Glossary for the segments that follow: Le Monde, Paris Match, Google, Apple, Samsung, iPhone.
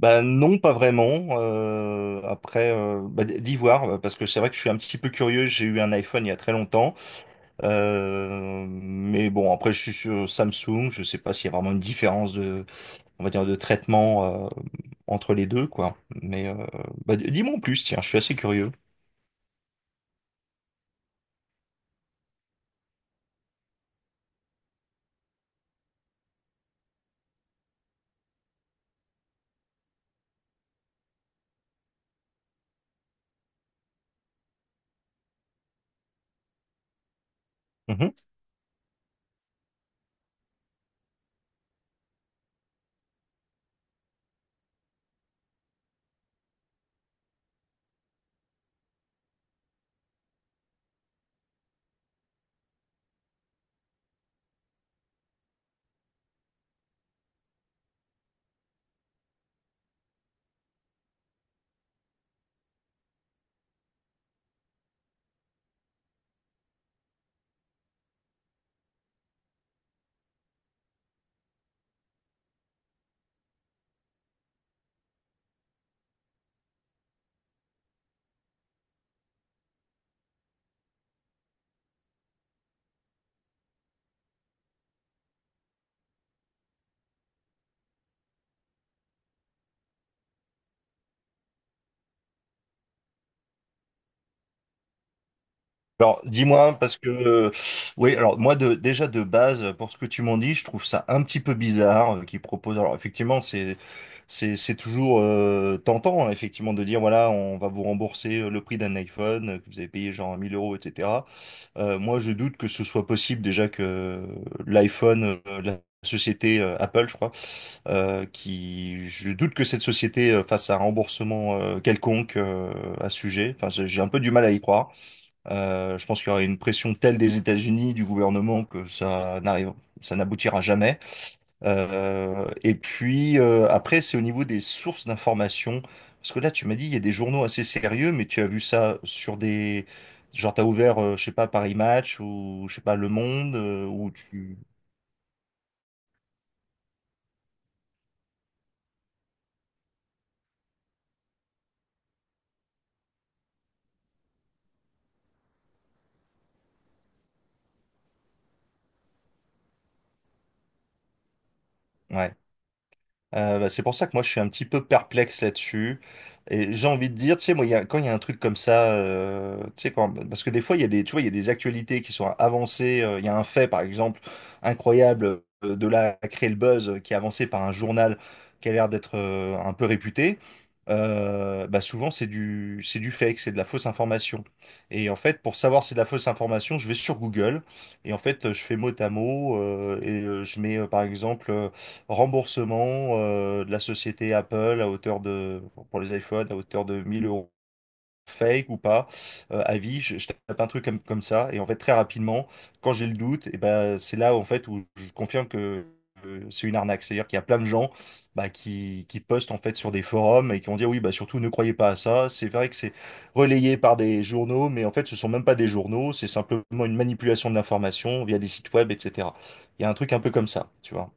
Bah non, pas vraiment. Après, bah, d'y voir, parce que c'est vrai que je suis un petit peu curieux. J'ai eu un iPhone il y a très longtemps, mais bon, après je suis sur Samsung. Je sais pas s'il y a vraiment une différence de, on va dire, de traitement entre les deux, quoi. Mais bah, dis-moi en plus, tiens, je suis assez curieux. Alors, dis-moi, parce que, oui, alors moi, déjà de base, pour ce que tu m'en dis, je trouve ça un petit peu bizarre qu'ils proposent. Alors, effectivement, c'est toujours tentant, hein, effectivement, de dire, voilà, on va vous rembourser le prix d'un iPhone que vous avez payé genre 1 000 euros, etc. Moi, je doute que ce soit possible déjà que l'iPhone, la société Apple, je crois, je doute que cette société fasse un remboursement quelconque à ce sujet. Enfin, j'ai un peu du mal à y croire. Je pense qu'il y aura une pression telle des États-Unis, du gouvernement, que ça n'arrive, ça n'aboutira jamais. Et puis après, c'est au niveau des sources d'information. Parce que là, tu m'as dit, il y a des journaux assez sérieux, mais tu as vu ça sur des... Genre, t'as ouvert, je sais pas, Paris Match ou, je sais pas, Le Monde, ou tu... Ouais. Bah, c'est pour ça que moi je suis un petit peu perplexe là-dessus. Et j'ai envie de dire, tu sais, moi, quand il y a un truc comme ça, tu sais, parce que des fois, il y a des, tu vois, il y a des actualités qui sont avancées. Il y a un fait, par exemple, incroyable, de là à créer le buzz, qui est avancé par un journal qui a l'air d'être un peu réputé. Bah souvent, c'est du fake, c'est de la fausse information. Et en fait, pour savoir si c'est de la fausse information, je vais sur Google et en fait, je fais mot à mot et je mets, par exemple. Remboursement de la société Apple pour les iPhones, à hauteur de 1 000 euros. Fake ou pas, avis, je tape un truc comme ça, et en fait, très rapidement, quand j'ai le doute, et ben, c'est là en fait où je confirme que c'est une arnaque. C'est-à-dire qu'il y a plein de gens bah, qui postent en fait sur des forums et qui vont dire oui, bah, surtout ne croyez pas à ça. C'est vrai que c'est relayé par des journaux, mais en fait, ce sont même pas des journaux, c'est simplement une manipulation de l'information via des sites web, etc. Il y a un truc un peu comme ça, tu vois.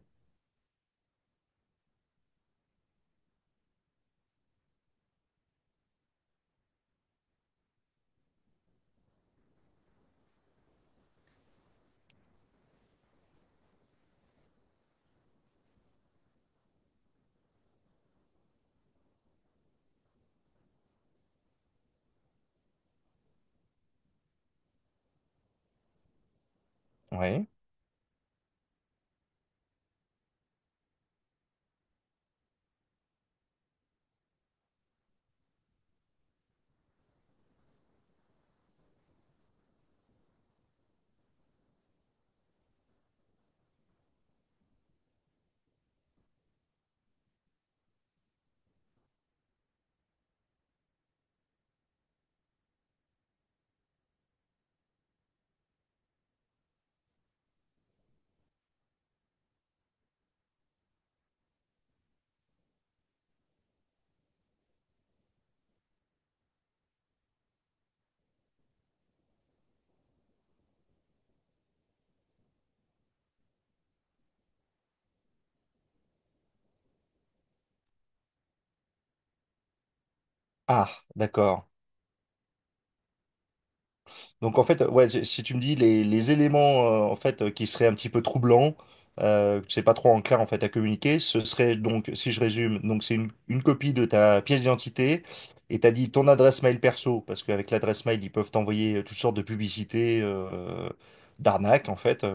Ouais. Ah, d'accord. Donc en fait, ouais, si tu me dis les éléments en fait qui seraient un petit peu troublants, que c'est pas trop en clair en fait à communiquer, ce serait donc, si je résume, donc c'est une copie de ta pièce d'identité et t'as dit ton adresse mail perso parce qu'avec l'adresse mail ils peuvent t'envoyer toutes sortes de publicités d'arnaques en fait.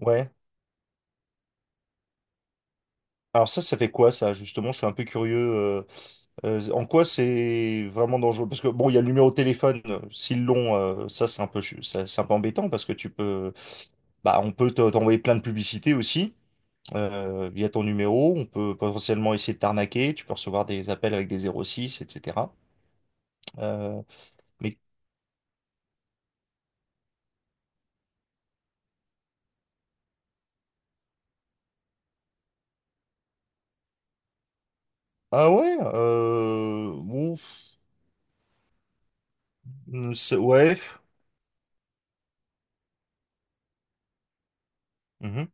Ouais. Alors ça fait quoi ça justement? Je suis un peu curieux. En quoi c'est vraiment dangereux? Parce que bon, il y a le numéro de téléphone. S'ils l'ont, ça, c'est un peu embêtant parce que tu peux. Bah, on peut t'envoyer plein de publicités aussi via ton numéro. On peut potentiellement essayer de t'arnaquer. Tu peux recevoir des appels avec des 06, etc. Euh, mais ah ouais, ouf, ouais. Mhm.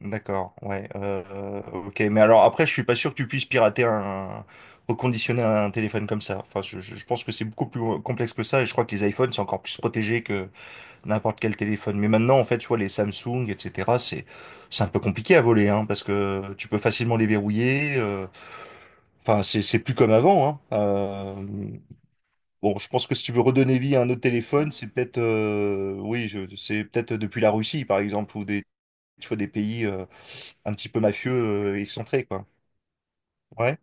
D'accord, ouais. Ok, mais alors après, je suis pas sûr que tu puisses pirater reconditionner un téléphone comme ça. Enfin, je pense que c'est beaucoup plus complexe que ça, et je crois que les iPhones sont encore plus protégés que n'importe quel téléphone. Mais maintenant, en fait, tu vois, les Samsung, etc., c'est un peu compliqué à voler, hein, parce que tu peux facilement les verrouiller. Enfin, c'est plus comme avant, hein. Bon, je pense que si tu veux redonner vie à un autre téléphone, c'est peut-être, oui, c'est peut-être depuis la Russie, par exemple, ou tu vois, des pays un petit peu mafieux, excentrés, quoi. Ouais.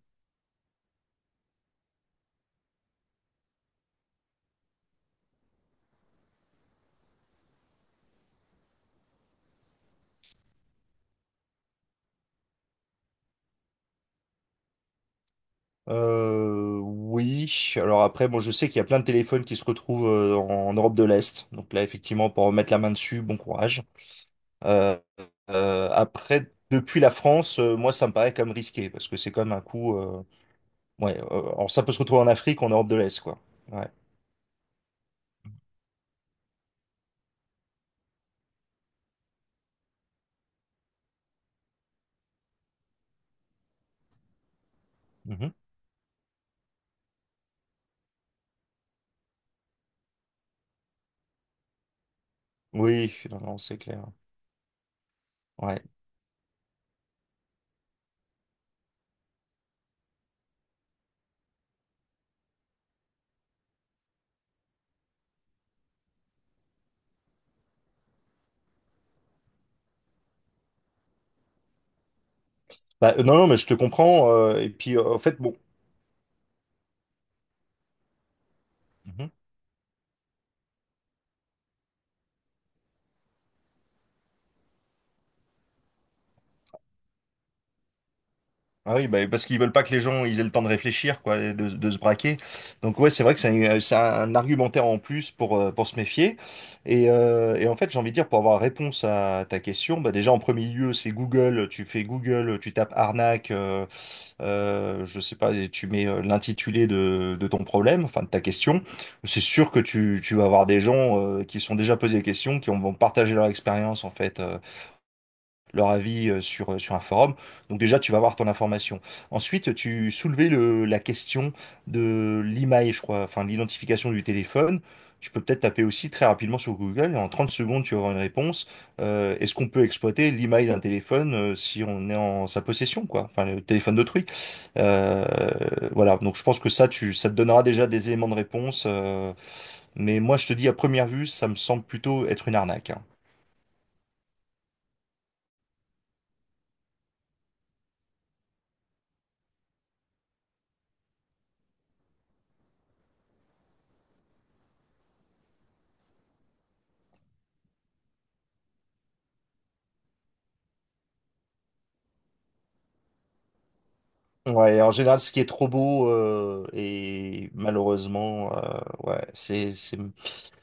Oui. Alors après, bon, je sais qu'il y a plein de téléphones qui se retrouvent en Europe de l'Est. Donc là, effectivement, pour remettre la main dessus, bon courage. Euh, Après, depuis la France, moi, ça me paraît comme risqué parce que c'est comme un coup. Ouais, alors ça peut se retrouver en Afrique, en Europe de l'Est, quoi. Ouais. Mhm. Oui, non, non, c'est clair. Ouais. Bah, non, non, mais je te comprends. Et puis, en fait, bon. Ah oui, bah, parce qu'ils veulent pas que les gens ils aient le temps de réfléchir, quoi, et de se braquer. Donc ouais, c'est vrai que c'est un argumentaire en plus pour se méfier. Et en fait, j'ai envie de dire, pour avoir réponse à ta question, bah déjà en premier lieu, c'est Google. Tu fais Google, tu tapes arnaque, je sais pas, et tu mets l'intitulé de ton problème, enfin de ta question. C'est sûr que tu vas avoir des gens qui se sont déjà posés des questions, vont partager leur expérience en fait. Leur avis sur un forum. Donc déjà, tu vas avoir ton information. Ensuite, tu soulevais la question de l'email, je crois, enfin l'identification du téléphone. Tu peux peut-être taper aussi très rapidement sur Google et en 30 secondes, tu vas avoir une réponse. Est-ce qu'on peut exploiter l'email d'un téléphone si on est en sa possession, quoi? Enfin, le téléphone d'autrui. Euh, voilà, donc je pense que ça, ça te donnera déjà des éléments de réponse. Mais moi, je te dis, à première vue, ça me semble plutôt être une arnaque, hein. Ouais, en général, ce qui est trop beau et malheureusement, ouais,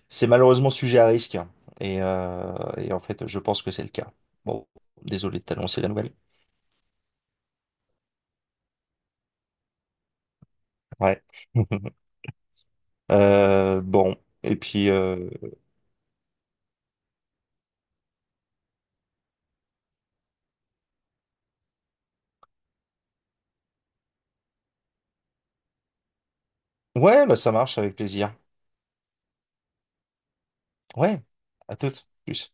c'est malheureusement sujet à risque, hein. Et en fait, je pense que c'est le cas. Bon, désolé de t'annoncer la nouvelle. Ouais. Bon, et puis ouais, bah ça marche avec plaisir. Ouais, à toutes. Plus.